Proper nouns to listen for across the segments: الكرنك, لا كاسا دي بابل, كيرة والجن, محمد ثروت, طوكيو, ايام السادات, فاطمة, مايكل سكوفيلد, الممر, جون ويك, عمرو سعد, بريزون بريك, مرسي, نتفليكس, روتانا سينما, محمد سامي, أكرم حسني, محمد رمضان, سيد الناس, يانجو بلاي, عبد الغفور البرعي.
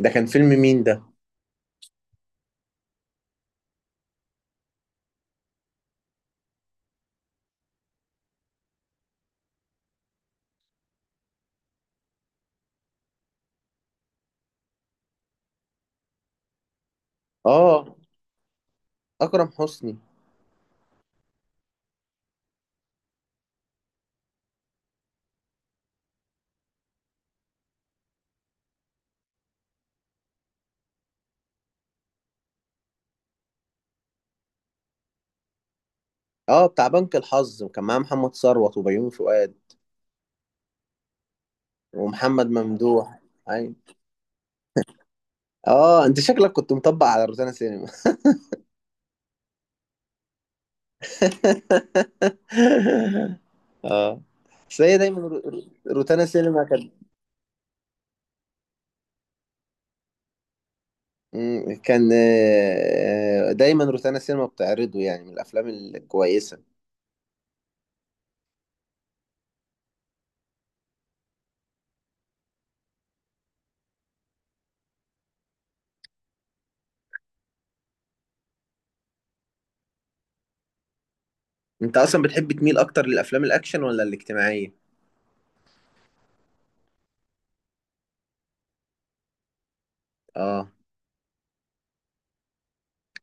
ده كان فيلم مين ده؟ اه. اكرم حسني. اه، بتاع بنك الحظ وكان معاه محمد ثروت وبيومي فؤاد ومحمد ممدوح. ايوه. اه، انت شكلك كنت مطبق على روتانا سينما. اه. بس هي دايما روتانا سينما كان. كان دايما روتانا سينما بتعرضه يعني من الافلام الكويسه. انت اصلا بتحب تميل اكتر للافلام الاكشن ولا الاجتماعيه؟ اه.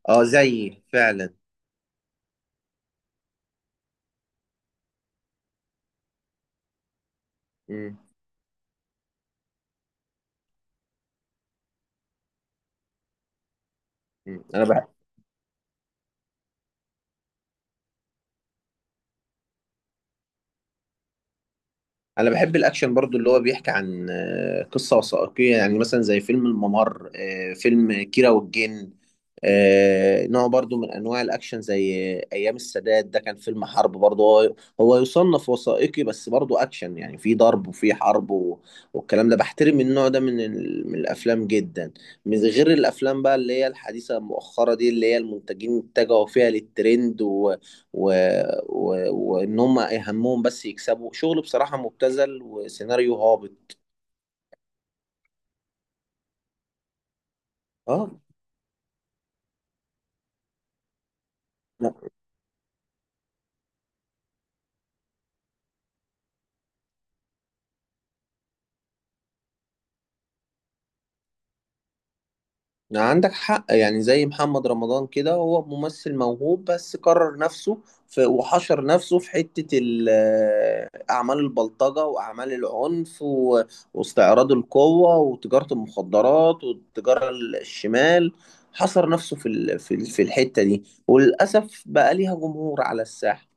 اه، زيي فعلا. مم، مم. انا بحب الاكشن برضو اللي هو بيحكي عن قصة وثائقية، يعني مثلا زي فيلم الممر، فيلم كيرة والجن. نوع برضو من انواع الاكشن، زي ايام السادات. ده كان فيلم حرب برضو، هو يصنف وثائقي بس برضو اكشن، يعني في ضرب وفي حرب والكلام ده. بحترم النوع ده من الافلام جدا، من غير الافلام بقى اللي هي الحديثة المؤخرة دي، اللي هي المنتجين اتجهوا فيها للترند، و... وان هم اهمهم بس يكسبوا شغل بصراحه مبتذل وسيناريو هابط. اه. لا. لا، عندك حق، يعني زي محمد رمضان كده، هو ممثل موهوب بس كرر نفسه، في وحشر نفسه أعمال البلطجة وأعمال العنف واستعراض القوة وتجارة المخدرات والتجارة الشمال. حصر نفسه في الحتة دي، وللأسف بقى ليها جمهور على الساحة.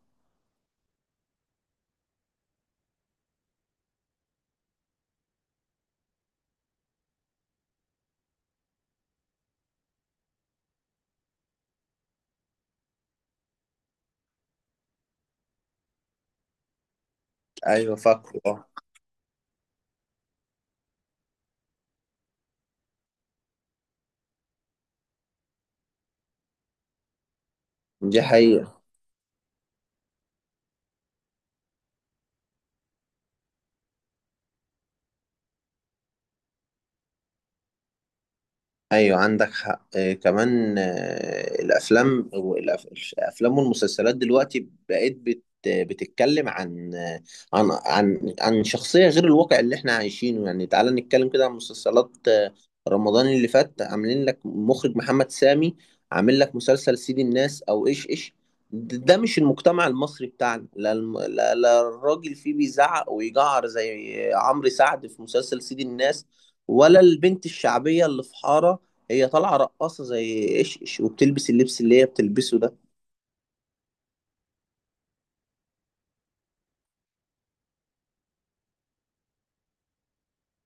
أيوة، فاكره، آه. دي حقيقة. ايوه، عندك حق، كمان، الافلام الافلام والمسلسلات دلوقتي بقت بتتكلم عن عن شخصيه غير الواقع اللي احنا عايشينه، يعني تعالى نتكلم كده عن مسلسلات رمضان اللي فات، عاملين لك مخرج محمد سامي عامل لك مسلسل سيد الناس او ايش ايش. ده مش المجتمع المصري بتاعنا، لا لا لا الراجل فيه بيزعق ويجعر زي عمرو سعد في مسلسل سيد الناس، ولا البنت الشعبيه اللي في حاره هي طالعه رقاصه زي ايش إيش وبتلبس اللبس اللي هي بتلبسه ده.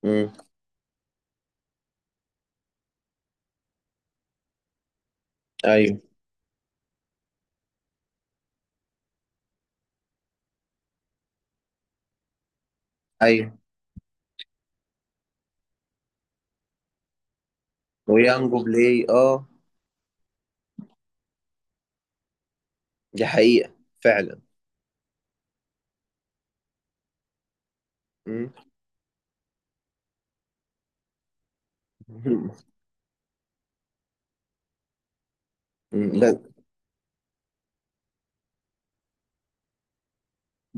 امم. ايوه، ايوه. ويانجو بلاي، اه. دي حقيقة. فعلا. امم. أمم. لا.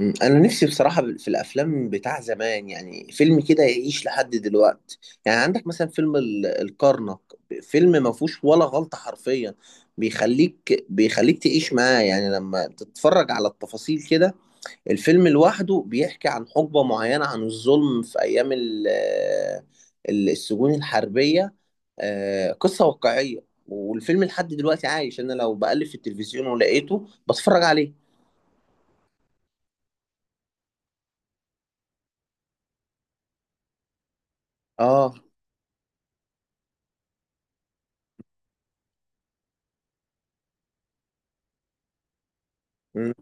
انا نفسي بصراحة في الافلام بتاع زمان، يعني فيلم كده يعيش لحد دلوقتي. يعني عندك مثلا فيلم الكرنك. فيلم ما فيهوش ولا غلطة حرفيا، بيخليك تعيش معاه، يعني لما تتفرج على التفاصيل كده. الفيلم لوحده بيحكي عن حقبة معينة، عن الظلم في أيام السجون الحربية. قصة واقعية، والفيلم لحد دلوقتي عايش. أنا لو بقلب في التلفزيون ولقيته بتفرج عليه. آه. مم.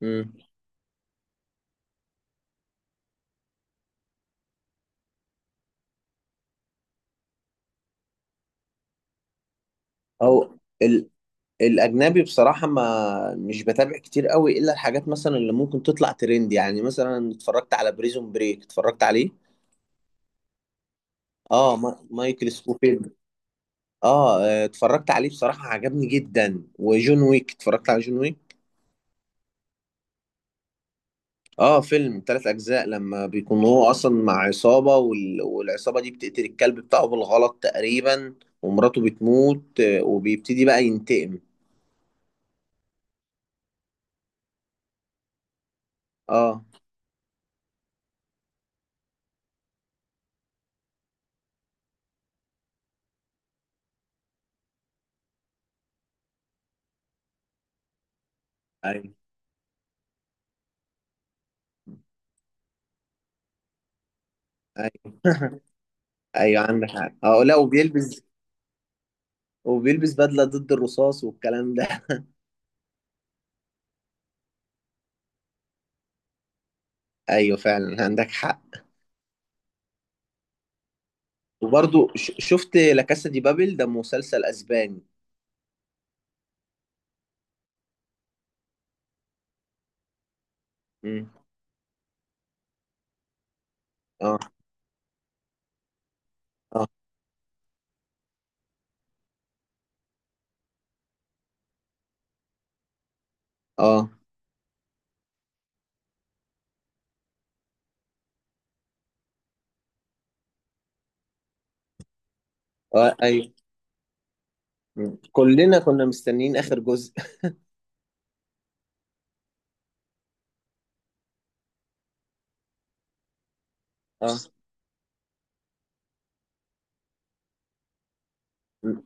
مم. أو ال الأجنبي بصراحة، ما مش بتابع كتير قوي إلا الحاجات مثلا اللي ممكن تطلع ترند، يعني مثلا اتفرجت على بريزون بريك، اتفرجت عليه. آه. مايكل سكوفيلد. اه. اتفرجت عليه بصراحة، عجبني جدا، وجون ويك. اتفرجت على جون ويك. اه، فيلم ثلاث اجزاء، لما بيكون هو اصلا مع عصابة والعصابة دي بتقتل الكلب بتاعه بالغلط تقريبا، ومراته بتموت، وبيبتدي بقى ينتقم. اه. ايوه، ايوه. ايوه، عندك حق، اه، لا، وبيلبس بدلة ضد الرصاص والكلام ده. ايوه، فعلا، عندك حق. وبرضو شفت لا كاسا دي بابل، ده مسلسل اسباني. امم. اه، اه، اه. آه، ايوه، مم. كلنا كنا مستنيين آخر جزء. اه، مم.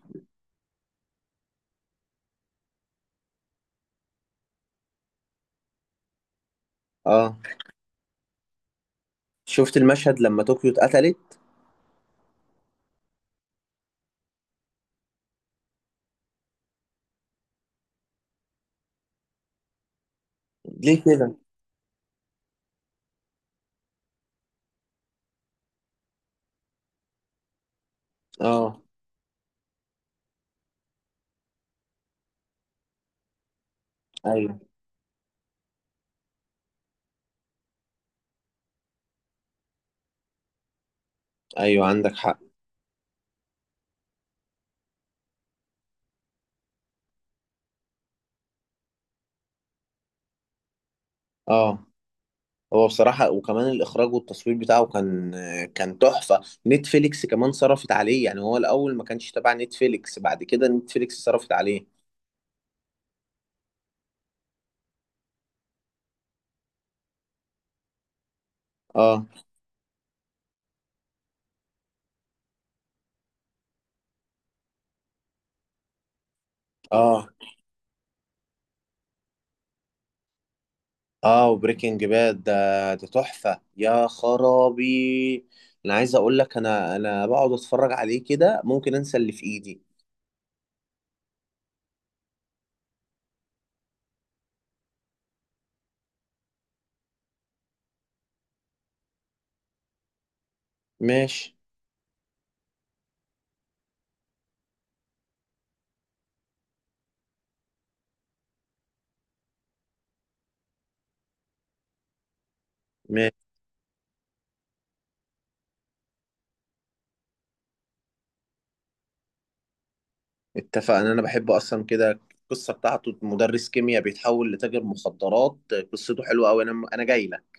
اه، شفت المشهد لما طوكيو اتقتلت. ليه كده؟ اه، ايوه، ايوه، عندك حق، اه. هو بصراحة، وكمان الإخراج والتصوير بتاعه كان تحفة. نتفليكس كمان صرفت عليه، يعني هو الأول ما كانش تبع نتفليكس، بعد كده نتفليكس صرفت عليه. اه، اه، اه. وبريكنج باد ده تحفة يا خرابي. انا عايز اقول لك، انا بقعد اتفرج عليه كده ممكن انسى اللي في ايدي. ماشي، ماشي. اتفقنا، انا بحب اصلا كده القصه بتاعته، مدرس كيمياء بيتحول لتاجر مخدرات. قصته حلوه قوي، انا جاي لك.